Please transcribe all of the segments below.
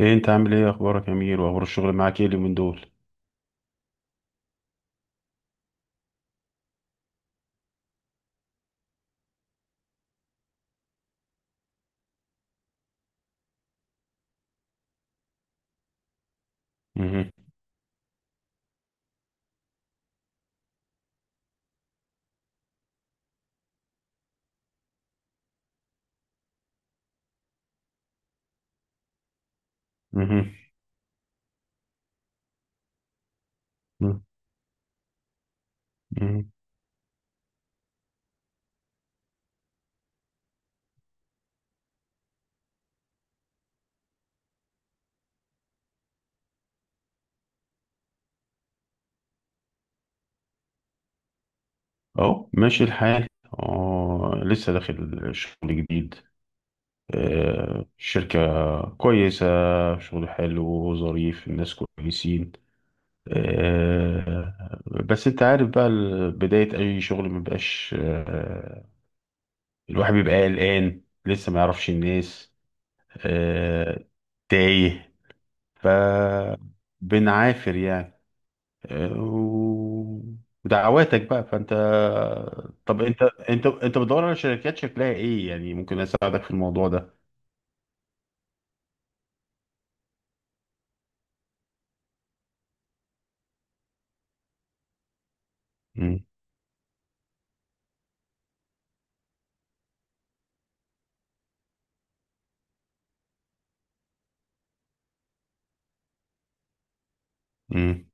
ايه انت عامل ايه، اخبارك يا امير؟ واخبار الشغل معاك ايه اليومين دول؟ مهم. مهم. مهم. اهو ماشي الحال. اه لسه داخل شغل جديد. آه شركة كويسة، شغل حلو وظريف، الناس كويسين. آه. بس انت عارف بقى، بداية اي شغل مبقاش. الواحد بيبقى قلقان لسه ما يعرفش الناس. آه. تايه. فبنعافر يعني. و- ودعواتك بقى فانت. طب انت، انت بتدور على شركات شكلها ايه يعني؟ ممكن اساعدك في الموضوع ده. مم. مم.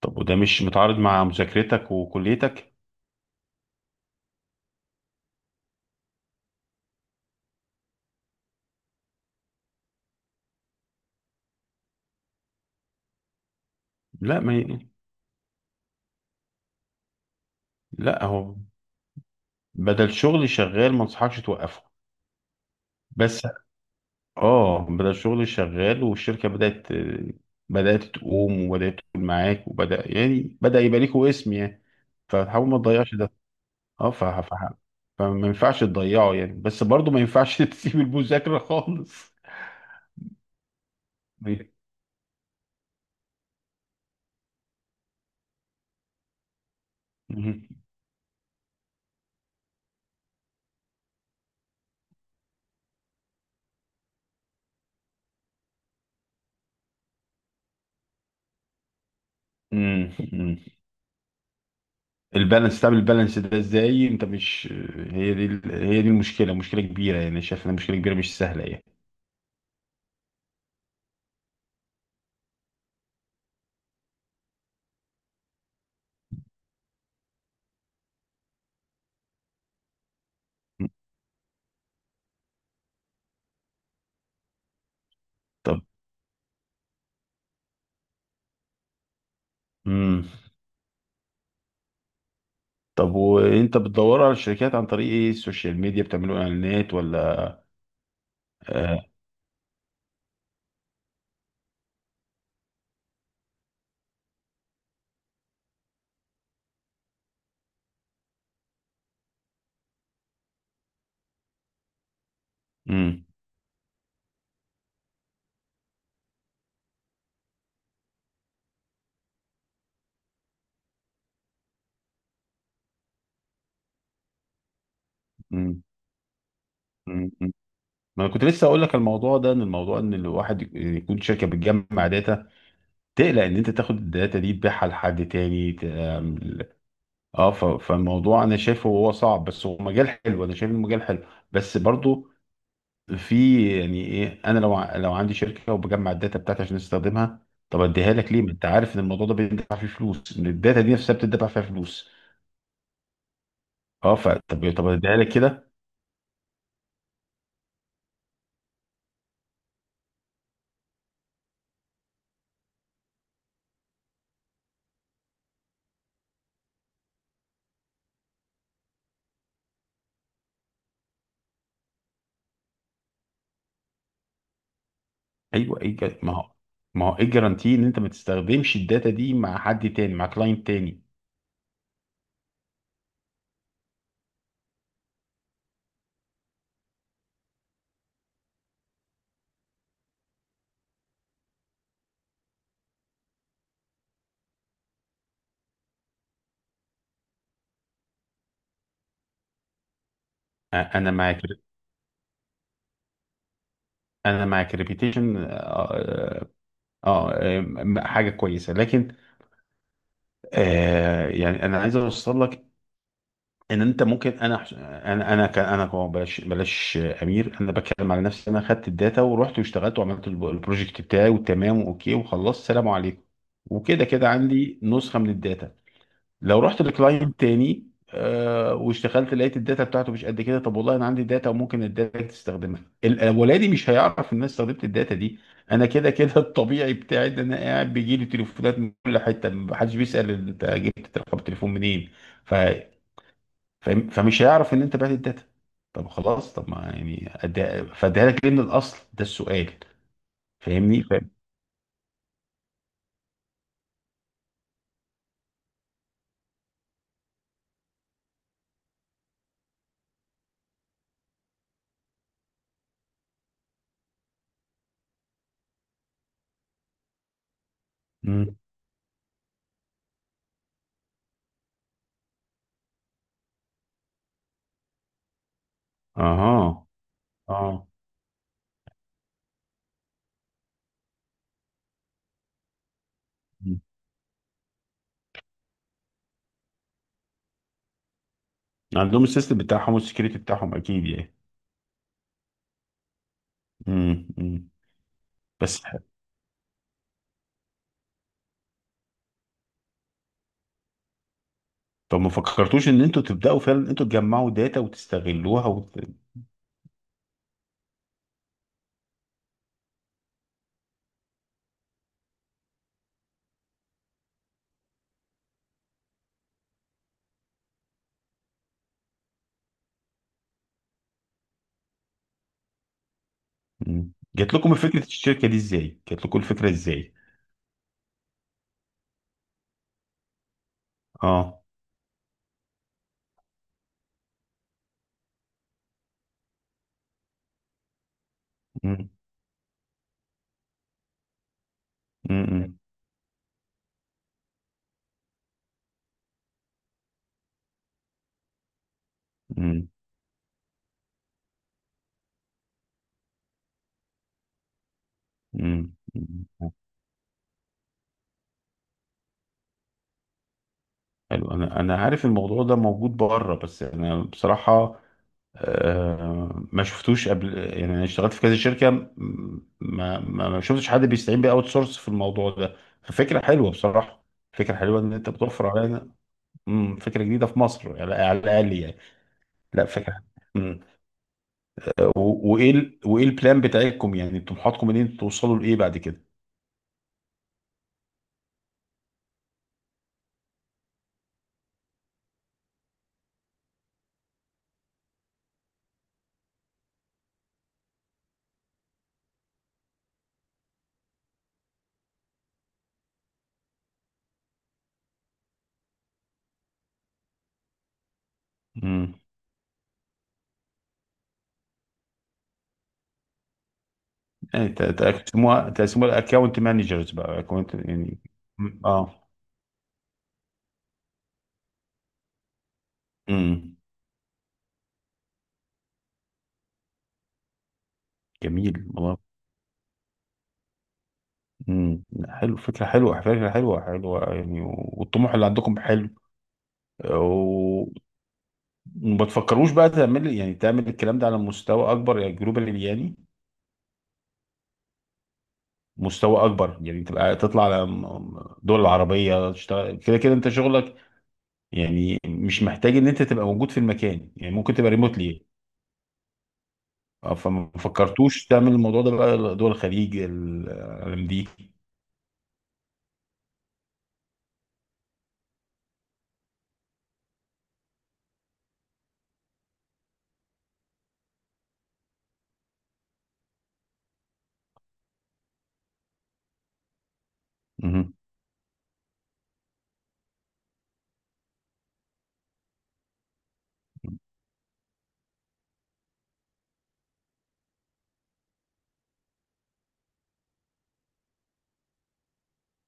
طب وده مش متعارض مع مذاكرتك وكليتك؟ لا ما هي... لا هو، بدل شغل شغال ما انصحكش توقفه. بس اه، بدل شغل شغال، والشركة بدأت تقوم، وبدأت تقول معاك، وبدأ يعني بدأ يبقى ليكوا اسم يعني. فتحاول ما تضيعش ده. اه، فما ينفعش تضيعه يعني، بس برضه ما ينفعش تسيب المذاكرة خالص. مم. مم. مم. البالانس، تعمل البالانس ده ازاي؟ انت مش، هي دي المشكلة، مشكلة كبيرة يعني، شايف انها مشكلة كبيرة مش سهلة يعني. طب. مم. طب وانت بتدور على الشركات عن طريق ايه؟ السوشيال ميديا، بتعملوا اعلانات ولا؟ آه. مم. مم. مم. ما انا كنت لسه اقول لك الموضوع ده، ان الموضوع ان الواحد يكون شركه بتجمع داتا، تقلق إن أنت تاخد الداتا دي تبيعها لحد تاني، ت آمم، آه، فالموضوع أنا شايفه هو صعب، بس هو مجال حلو، أنا شايف إنه مجال حلو، بس برضه في، يعني إيه، أنا لو عندي شركة وباجمّع الداتا بتاعتي عشان أستخدمها، طب أدّيها لك ليه؟ ما أنت عارف إن الموضوع ده بيندفع فيه فلوس، إن الداتا دي نفسها بتدفع فيها فلوس. آه، طب أدّيها لك كده؟ أيوه، إيه الج ما هو، ما هو إيه الجرانتي إن أنت ما تستخدمش الداتا دي مع حد تاني، مع client تاني؟ أ أنا مع كر أنا مع كريبيتيشن. اه حاجه كويسه لكن، آه، يعني انا عايز اوصل لك ان انت ممكن، انا انا انا ك- انا كو- بلاش بلاش امير، انا بتكلم على نفسي. انا خدت الداتا ورحت واشتغلت وعملت البروجكت بتاعي، وتمام واوكي وخلصت سلام عليكم. وكده كده عندي نسخه من الداتا. لو رحت لكلاينت تاني آه، واشتغلت لقيت الداتا بتاعته مش قد كده، طب والله انا عندي داتا وممكن الداتا تستخدمها، الاولاني مش هيعرف ان انا استخدمت الداتا دي. انا كده كده الطبيعي بتاعي ان انا قاعد بيجي لي تليفونات من كل حته، محدش بيسال انت جبت رقم التليفون منين. ف... فمش هيعرف ان انت بعت الداتا. طب خلاص، طب ما يعني فاديها لك ليه من الاصل؟ ده السؤال. فاهمني؟ فاهم. مم. اها. اه. مم. عندهم السيستم بتاعهم والسكيورتي بتاعهم اكيد يعني. امم. بس ح- طب ما فكرتوش ان انتوا تبداوا فعلا انتوا تجمعوا داتا وتستغلوها مم. جات لكم فكره الشركه دي ازاي؟ جات لكم الفكره ازاي؟ اه. مم. مم. مم. مم. مم. حلو. انا عارف الموضوع ده موجود بره، بس انا بصراحه آه ما شفتوش قبل يعني، انا اشتغلت في كذا شركه، ما شفتش حد بيستعين باوت سورس في الموضوع ده. ففكره حلوه بصراحه، فكره حلوه ان انت بتوفر علينا. مم، فكره جديده في مصر على الاقل يعني. لا فكرة. امم. وايه وايه البلان بتاعتكم؟ يعني طموحاتكم ان انتوا توصلوا لايه بعد كده؟ امم. يعني تقسموها تقسموها الاكونت مانجرز بقى، اكونت يعني. مم. اه. امم. جميل والله. امم. حلو، فكرة حلوة، فكرة حلوة حلوة يعني، والطموح اللي عندكم حلو. و- وما تفكروش بقى تعمل، يعني تعمل الكلام ده على مستوى اكبر يعني؟ جلوبال يعني مستوى اكبر، يعني تبقى تطلع على دول العربية، تشتغل كده كده انت شغلك يعني، مش محتاج ان انت تبقى موجود في المكان، يعني ممكن تبقى ريموتلي. فما فكرتوش تعمل الموضوع ده بقى دول الخليج، العالم دي؟ مهم.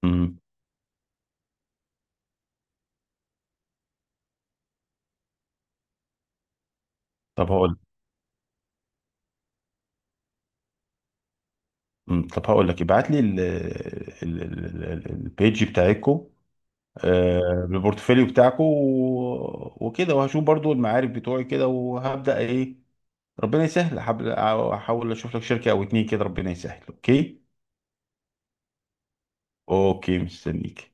مهم. طب هقول، مم. طب هقول لك ابعت لي البيج بتاعتكم، آه، البورتفوليو بتاعكم وكده، وهشوف برضو المعارف بتوعي كده، وهبدأ ايه، ربنا يسهل. أحاول اشوف لك شركة او اتنين كده، ربنا يسهل. اوكي. اوكي مستنيك.